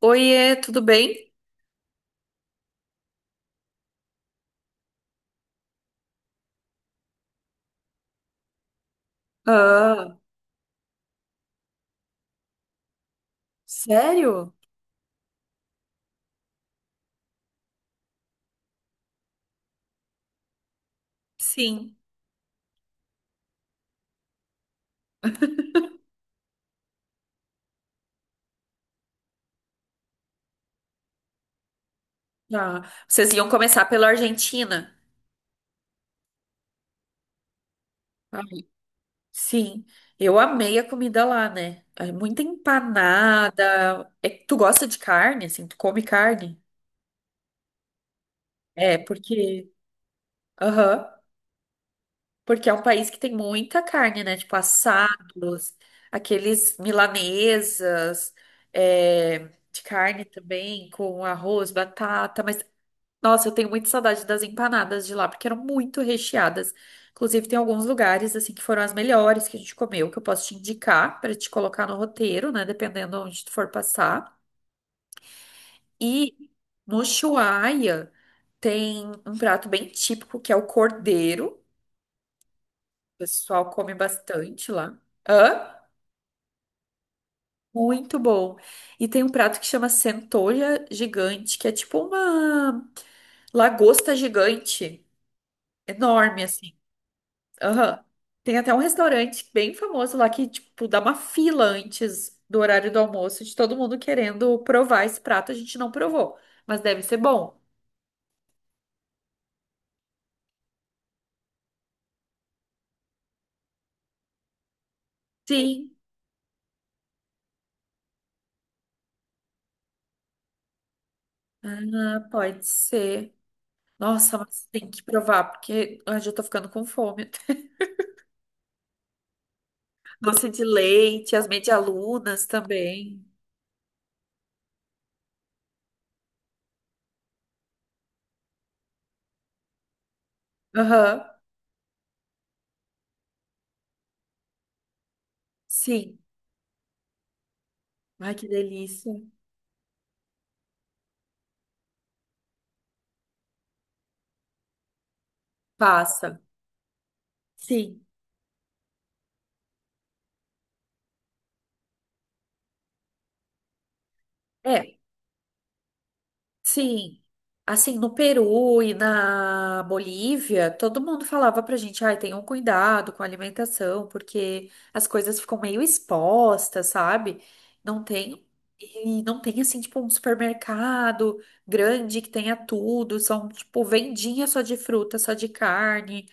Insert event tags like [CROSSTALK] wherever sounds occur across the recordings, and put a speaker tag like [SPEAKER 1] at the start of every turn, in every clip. [SPEAKER 1] Oiê, tudo bem? Ah, sério? Sim. Ah, vocês iam começar pela Argentina? Ai, sim. Eu amei a comida lá, né? É muita empanada. É, tu gosta de carne, assim? Tu come carne? É, porque... Aham. Porque é um país que tem muita carne, né? Tipo, assados, aqueles milanesas, é, de carne também, com arroz, batata, mas... Nossa, eu tenho muita saudade das empanadas de lá, porque eram muito recheadas. Inclusive, tem alguns lugares, assim, que foram as melhores que a gente comeu, que eu posso te indicar para te colocar no roteiro, né? Dependendo onde tu for passar. E no Ushuaia tem um prato bem típico, que é o cordeiro. O pessoal come bastante lá. Hã? Muito bom. E tem um prato que chama centolha gigante, que é tipo uma lagosta gigante, enorme, assim. Aham. Tem até um restaurante bem famoso lá que, tipo, dá uma fila antes do horário do almoço de todo mundo querendo provar esse prato. A gente não provou, mas deve ser bom. Sim. Ah, pode ser. Nossa, mas tem que provar, porque eu já tô ficando com fome. [LAUGHS] Doce de leite, as medialunas também. Aham. Sim. Ai, que delícia. Passa. Sim. É. Sim, assim, no Peru e na Bolívia, todo mundo falava pra gente, ai, tenham cuidado com a alimentação, porque as coisas ficam meio expostas, sabe? Não tem, e não tem, assim, tipo, um supermercado grande que tenha tudo, são, tipo, vendinha só de fruta, só de carne,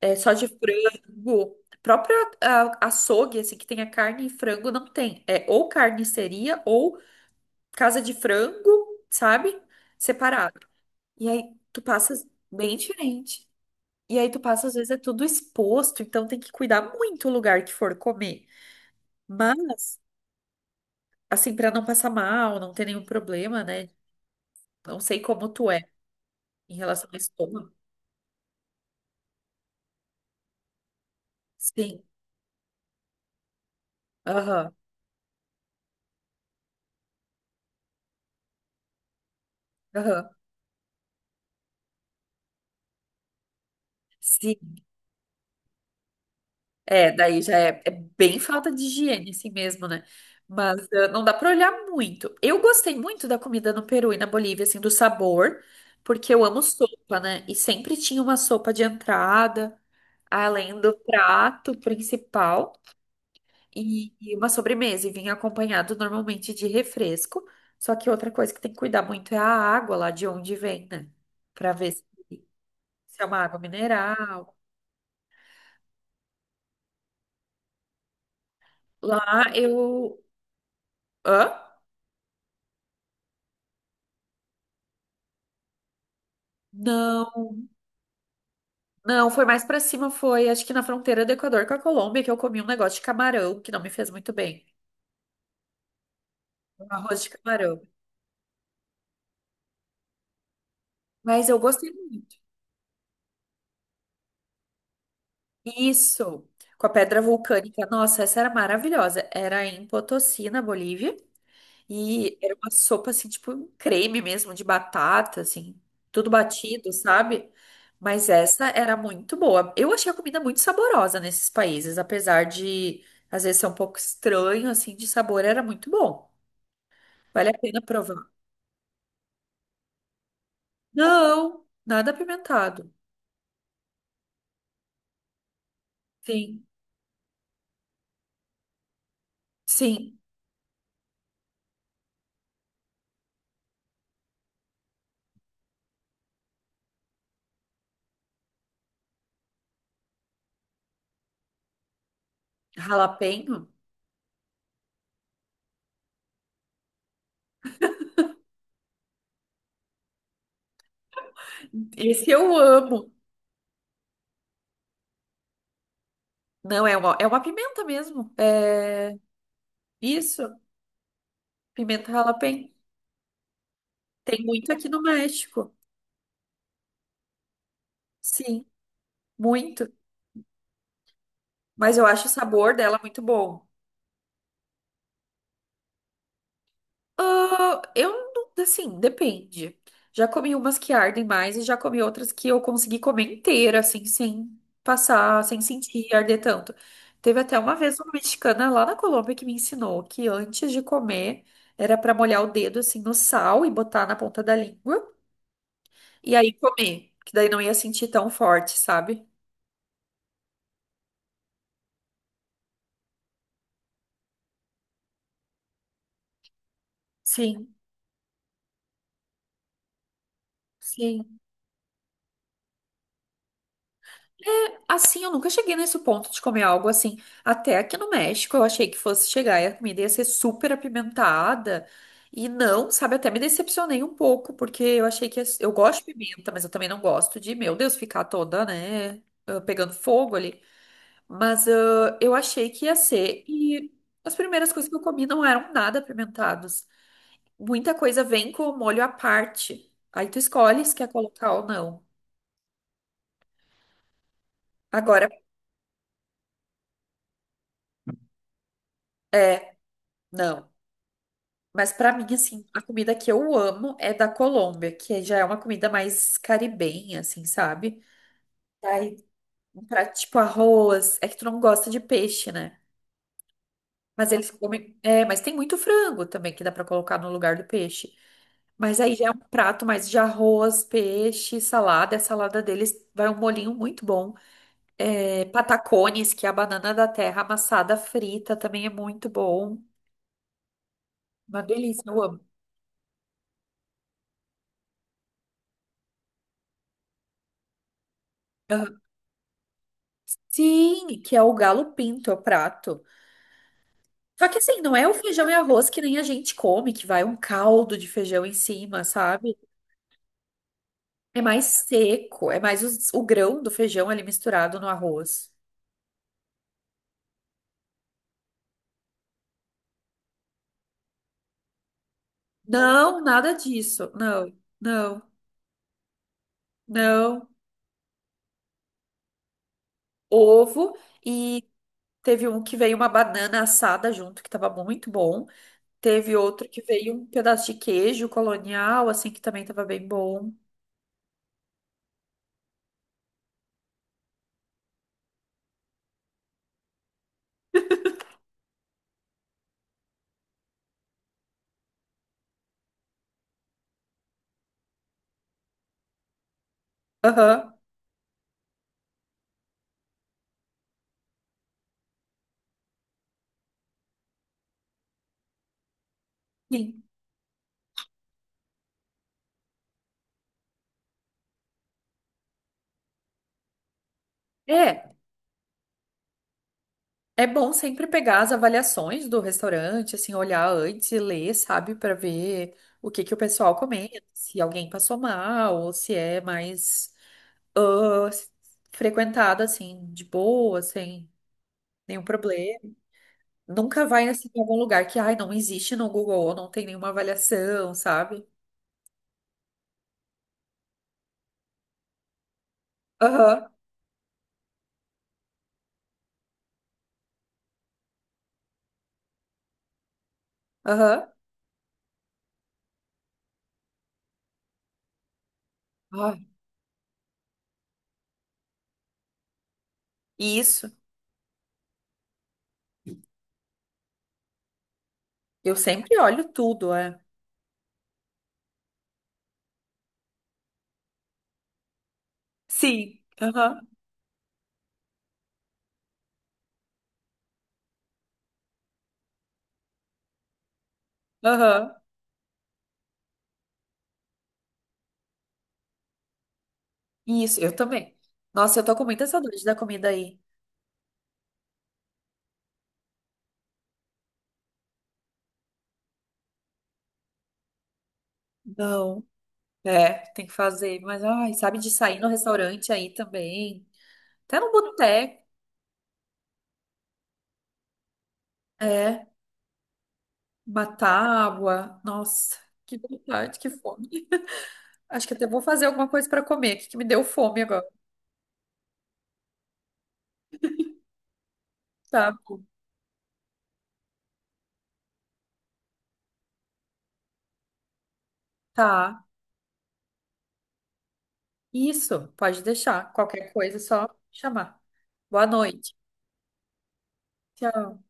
[SPEAKER 1] é, só de frango. Próprio açougue, assim, que tenha carne e frango, não tem. É ou carniceria ou casa de frango, sabe? Separado. E aí tu passa bem diferente. E aí tu passa, às vezes, é tudo exposto, então tem que cuidar muito o lugar que for comer. Mas, assim, pra não passar mal, não ter nenhum problema, né? Não sei como tu é em relação ao estômago. Sim, aham, aham. Sim, é, daí já é, é bem falta de higiene, assim mesmo, né? Mas não dá pra olhar muito. Eu gostei muito da comida no Peru e na Bolívia, assim, do sabor, porque eu amo sopa, né? E sempre tinha uma sopa de entrada, além do prato principal e, uma sobremesa, e vinha acompanhado normalmente de refresco. Só que outra coisa que tem que cuidar muito é a água lá de onde vem, né? Pra ver se é uma água mineral. Lá eu... Hã? Não, não, foi mais pra cima, foi acho que na fronteira do Equador com a Colômbia que eu comi um negócio de camarão que não me fez muito bem. Um arroz de camarão. Mas eu gostei muito. Isso, com a pedra vulcânica. Nossa, essa era maravilhosa. Era em Potosí, na Bolívia. E era uma sopa, assim, tipo um creme mesmo, de batata, assim, tudo batido, sabe? Mas essa era muito boa. Eu achei a comida muito saborosa nesses países, apesar de às vezes ser um pouco estranho, assim, de sabor, era muito bom. Vale a pena provar. Não, nada apimentado. Sim, sim. Jalapeño? Esse eu amo. Não, é uma pimenta mesmo. É isso, pimenta jalapeño. Tem muito aqui no México. Sim, muito. Mas eu acho o sabor dela muito bom. Ah, eu, assim, depende. Já comi umas que ardem mais e já comi outras que eu consegui comer inteira, assim, sem passar, sem sentir arder tanto. Teve até uma vez uma mexicana lá na Colômbia que me ensinou que antes de comer era pra molhar o dedo, assim, no sal e botar na ponta da língua e aí comer, que daí não ia sentir tão forte, sabe? Sim, sim. Assim, eu nunca cheguei nesse ponto de comer algo assim. Até aqui no México, eu achei que fosse chegar e a comida ia ser super apimentada. E não, sabe? Até me decepcionei um pouco, porque eu achei que eu gosto de pimenta, mas eu também não gosto de, meu Deus, ficar toda, né? Pegando fogo ali. Mas eu achei que ia ser. E as primeiras coisas que eu comi não eram nada apimentadas. Muita coisa vem com o molho à parte. Aí tu escolhe se quer colocar ou não. Agora, é, não. Mas pra mim, assim, a comida que eu amo é da Colômbia, que já é uma comida mais caribenha, assim, sabe? Aí, um prato tipo arroz. É que tu não gosta de peixe, né? Mas eles comem. É, mas tem muito frango também que dá pra colocar no lugar do peixe. Mas aí já é um prato mais de arroz, peixe, salada. E a salada deles vai um molinho muito bom. É, patacones, que é a banana da terra amassada frita, também é muito bom. Uma delícia, eu amo. Aham. Sim, que é o galo pinto, é o prato. Só que assim, não é o feijão e arroz que nem a gente come, que vai um caldo de feijão em cima, sabe? É mais seco, é mais o grão do feijão ali misturado no arroz. Não, nada disso. Não, não, não. Ovo e teve um que veio uma banana assada junto, que tava muito bom. Teve outro que veio um pedaço de queijo colonial, assim, que também tava bem bom. Aham. Sim. É, é bom sempre pegar as avaliações do restaurante, assim, olhar antes e ler, sabe, para ver o que que o pessoal comenta, se alguém passou mal ou se é mais ah, frequentada, assim, de boa, sem nenhum problema. Nunca vai, assim, em algum lugar que, ai, não existe no Google, ou não tem nenhuma avaliação, sabe? Aham, aham, ah, isso. Eu sempre olho tudo, é. Sim, aham, aham, isso, eu também. Nossa, eu tô com muita saudade da comida aí. Não, é, tem que fazer. Mas, ai, sabe, de sair no restaurante aí também. Até no boteco. É, uma tábua. Nossa, que vontade, que fome. Acho que até vou fazer alguma coisa para comer, que me deu fome agora. Tá, bom. Tá. Isso, pode deixar. Qualquer coisa, é só chamar. Boa noite. Tchau.